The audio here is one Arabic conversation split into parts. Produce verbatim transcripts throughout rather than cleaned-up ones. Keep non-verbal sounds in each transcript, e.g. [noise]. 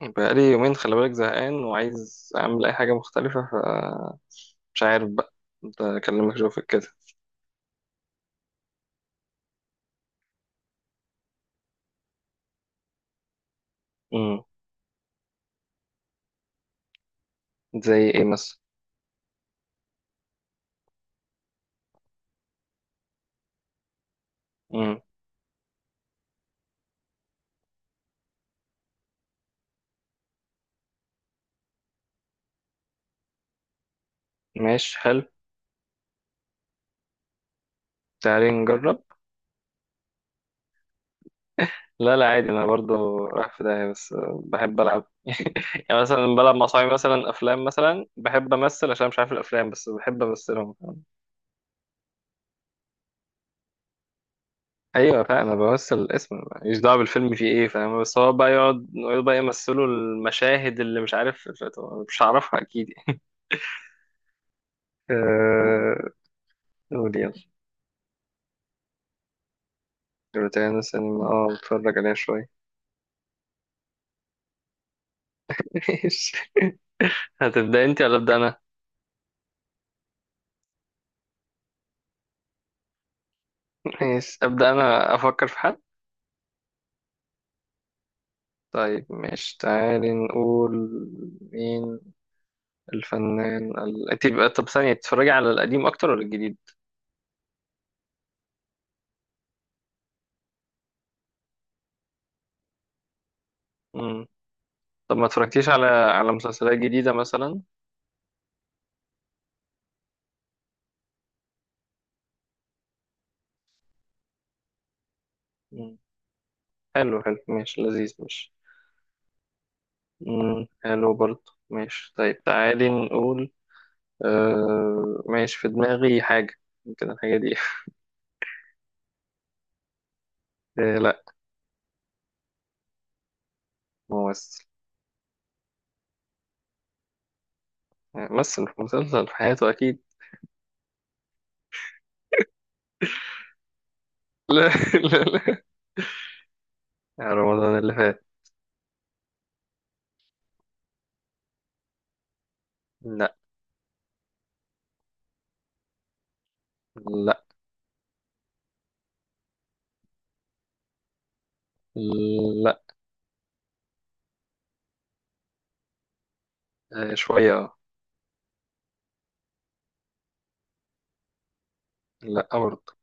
بقالي يومين، خلي بالك زهقان وعايز أعمل أي حاجة مختلفة فمش عارف، بقى كنت أكلمك أشوفك كده. امم. زي إيه مثلا؟ امم. ماشي، حلو. تعالي نجرب. لا لا عادي، أنا برضو رايح في داهية بس بحب ألعب. [laughs] يعني مثلا بلعب مع صحابي، مثلا أفلام، مثلا بحب أمثل عشان مش عارف الأفلام، بس بحب أمثلهم. أيوة فاهم، أنا بمثل الاسم، ماليش دعوة بالفيلم فيه إيه، فاهم؟ بس هو بقى يقعد يقعد بقى يمثلوا المشاهد اللي مش عارف. مش هعرفها أكيد. [laughs] قول يلا. روتانا سينما، اه بتفرج عليها شوية. [laughs] ماشي. هتبدأ انت ولا أبدأ أنا؟ ماشي، أبدأ أنا، أفكر في حد. طيب ماشي تعالي نقول. مين الفنان ال... انت بقى، طب ثانية، بتتفرجي على القديم أكتر ولا الجديد؟ مم. طب ما اتفرجتيش على على مسلسلات جديدة مثلا؟ مم. حلو حلو ماشي لذيذ ماشي. مم. حلو برضه ماشي. طيب تعالي نقول. آه... ماشي، في دماغي حاجة. ممكن الحاجة دي. [laughs] آه لا. ممثل. مثل في مسلسل، في حياته أكيد. لا. [laughs] لا لا. يا رمضان اللي فات. لا لا لا. آه، شوية آه. لا برضه.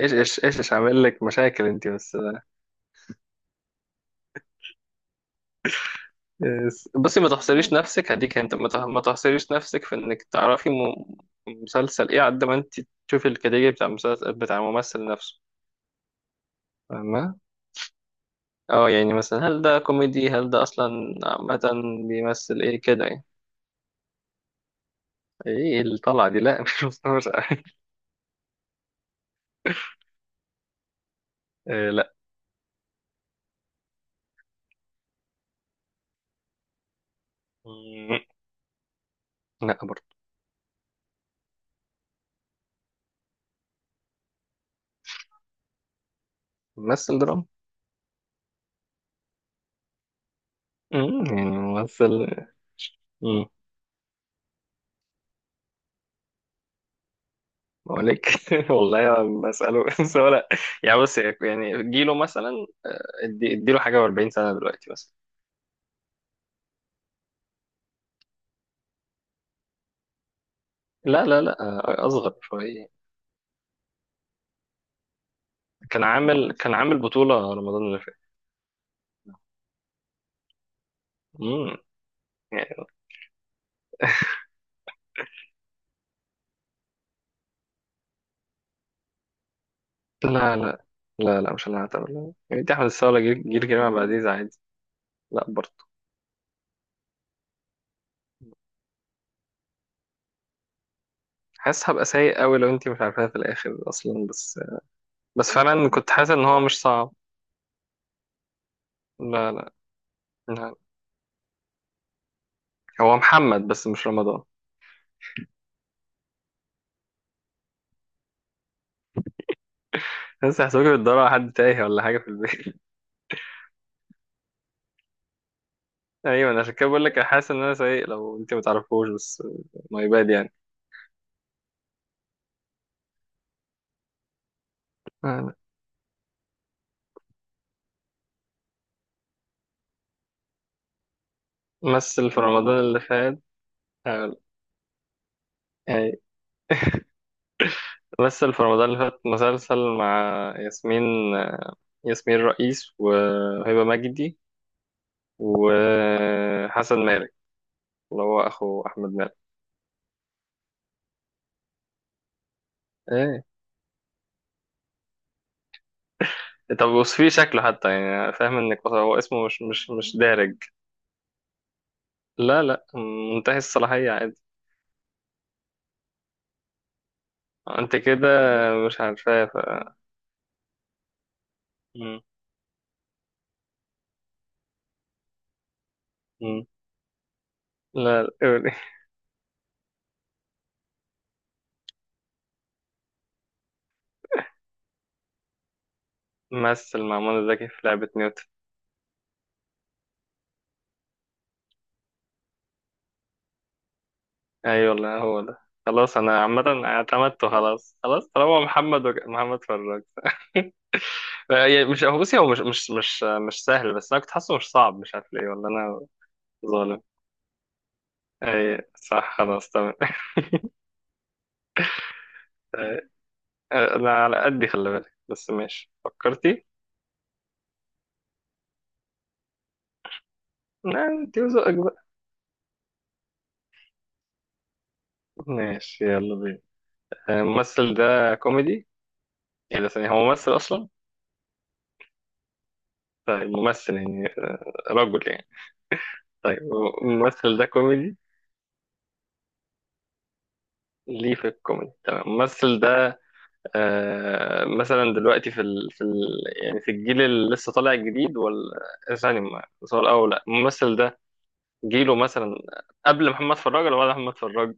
ايش ايش ايش ايش، عامل لك مشاكل انت بس. بس- بصي، ما تحصريش نفسك هديك، انت ما تح- ما تحصريش نفسك في انك تعرفي م- مسلسل ايه قد ما انت تشوفي الكاتيجوري بتاع المسلسل بتاع الممثل نفسه. فاهمة؟ اه، يعني مثلا هل ده كوميدي، هل ده اصلا عامة بيمثل ايه كده يعني. ايه اللي طلع دي؟ لا. [laughs] مش مستوعب. آه لا. لا برضه. ممثل دراما. امم، يعني ممثل. امم. مالك؟ [laughs] والله ما بسأله. [laughs] بس هو لا. يعني بص، يعني جيله مثلا، ادي اديله حاجة و40 سنة دلوقتي مثلا. لا لا لا. أصغر شوية. كان عامل كان عامل بطولة رمضان اللي فات. امم، يعني. لا لا. لا لا مش، أنا هعتبر. يعني دي أحمد السقا ولا جيل جيل كريم عبد العزيز، عادي. لا برضه. حاسس هبقى سيء قوي لو أنت مش عارفاها في الآخر أصلا بس. بس فعلا كنت حاسس إن هو مش صعب. لا لا. لا. هو محمد بس مش رمضان. بس هحسبك بتدور على حد تايه ولا حاجة في البيت. [laughs] أيوة، أنا عشان كده بقول لك، أنا حاسس إن أنا سايق لو أنت متعرفوش بس. ماي باد يعني. أنا. مثل في رمضان اللي فات. هقول- يعني مثل في رمضان اللي فات مسلسل مع ياسمين، ياسمين رئيس وهبة مجدي وحسن مالك، اللي هو أخو أحمد مالك. إيه. طب وصفيه شكله حتى، يعني فاهم إنك هو اسمه مش مش مش دارج. لا لا. منتهي الصلاحية عادي. أنت كده مش عارفاه ف مم. لا لا، مثل مع منى زكي في لعبة نيوتن. أيوة والله هو ده. خلاص أنا عامة اعتمدته، خلاص خلاص، طالما محمد وج... محمد فراج. [laughs] يعني مش هو، بصي هو مش مش مش مش سهل، بس أنا كنت حاسه مش صعب، مش عارف ليه والله أنا ظالم. أي صح، خلاص تمام. [laughs] أي، أنا على قدي، خلي بالك، بس ماشي فكرتي؟ لا أنت وذوقك بقى. ماشي يلا بينا. الممثل ده كوميدي؟ يعني ثانية، هو ممثل أصلا؟ طيب ممثل يعني، آه، رجل يعني. طيب الممثل ده كوميدي. ليه في الكوميدي، تمام. الممثل ده آه مثلا دلوقتي في ال... في ال... يعني في الجيل اللي لسه طالع جديد ولا؟ ثاني، ما سؤال اول، لا الممثل ده جيله مثلا قبل محمد فراج ولا بعد محمد فراج؟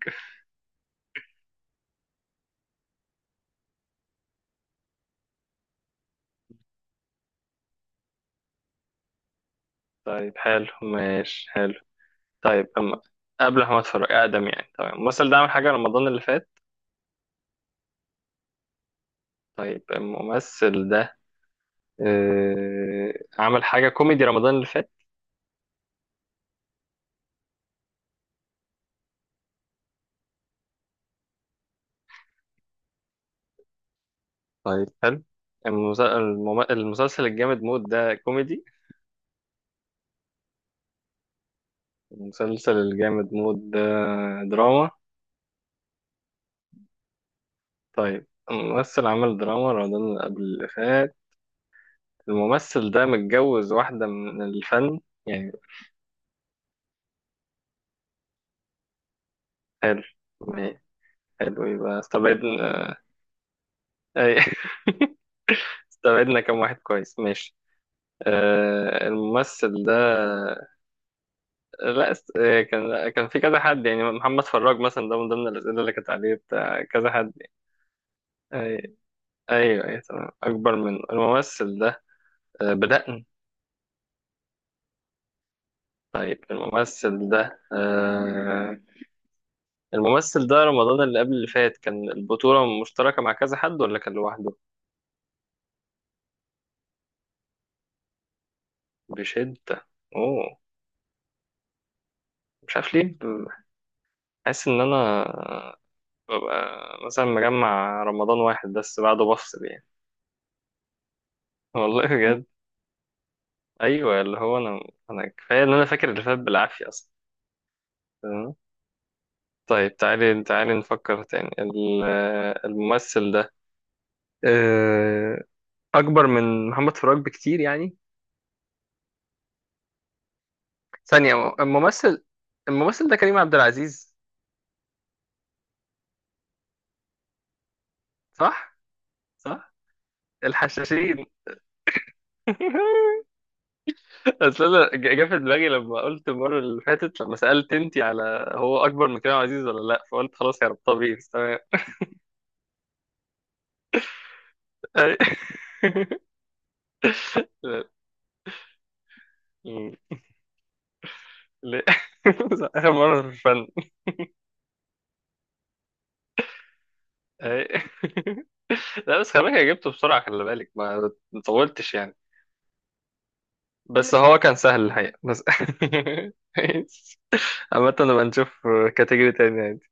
طيب حلو ماشي حلو. طيب اما قبل محمد فراج اقدم يعني، تمام. الممثل ده عمل حاجه رمضان اللي فات؟ طيب الممثل ده، آه عمل حاجه كوميدي رمضان اللي فات؟ طيب حلو. المس- المم- المسلسل الجامد مود ده كوميدي؟ المسلسل الجامد مود ده دراما. طيب الممثل عمل دراما رمضان اللي قبل اللي فات. الممثل ده متجوز واحدة من الفن يعني؟ حلو. ما- حلو يبقى استبعدنا. أي- [laughs] استبعدنا كم واحد كويس، ماشي. آه الممثل ده. لا است... آه، كان كان في كذا حد، يعني محمد فراج مثلا ده من ضمن الأسئلة اللي كانت عليه، بتاع كذا حد. آه، ايوه ايوه تمام اكبر منه الممثل ده. آه، بدأنا. طيب الممثل ده، آه، الممثل ده رمضان اللي قبل اللي فات كان البطولة مشتركة مع كذا حد ولا كان لوحده؟ بشدة. اوه. مش عارف ليه ب- حاسس ان انا ببقى مثلا مجمع رمضان واحد بس بعده بفصل يعني. [laughs] والله بجد. ايوه اللي هو انا، انا كفاية ان انا فاكر اللي فات بالعافية اصلا. تمام. طيب تعالي تعالي نفكر تاني ال- آه، الممثل ده، آه، اكبر من محمد فراج بكتير يعني؟ ثانية الممثل، الممثل ده كريم عبد العزيز. صح صح. الحشاشين. [laughs] اصل انا ج- جه في دماغي لما قلت المره اللي فاتت لما سالت انتي على هو اكبر من كريم عبد العزيز ولا لا، فقلت خلاص يا رب طبيعي، تمام. أي- [laughs] لا. م- لا. [laughs] اخر مره في الفن. أي. [laughs] لا بس خلي بالك، أنا جبته بسرعه، خلي بالك ما ما طولتش يعني. بس هو كان سهل الحقيقه بس. [laughs] عامة نبقى نشوف كاتيجوري تاني عادي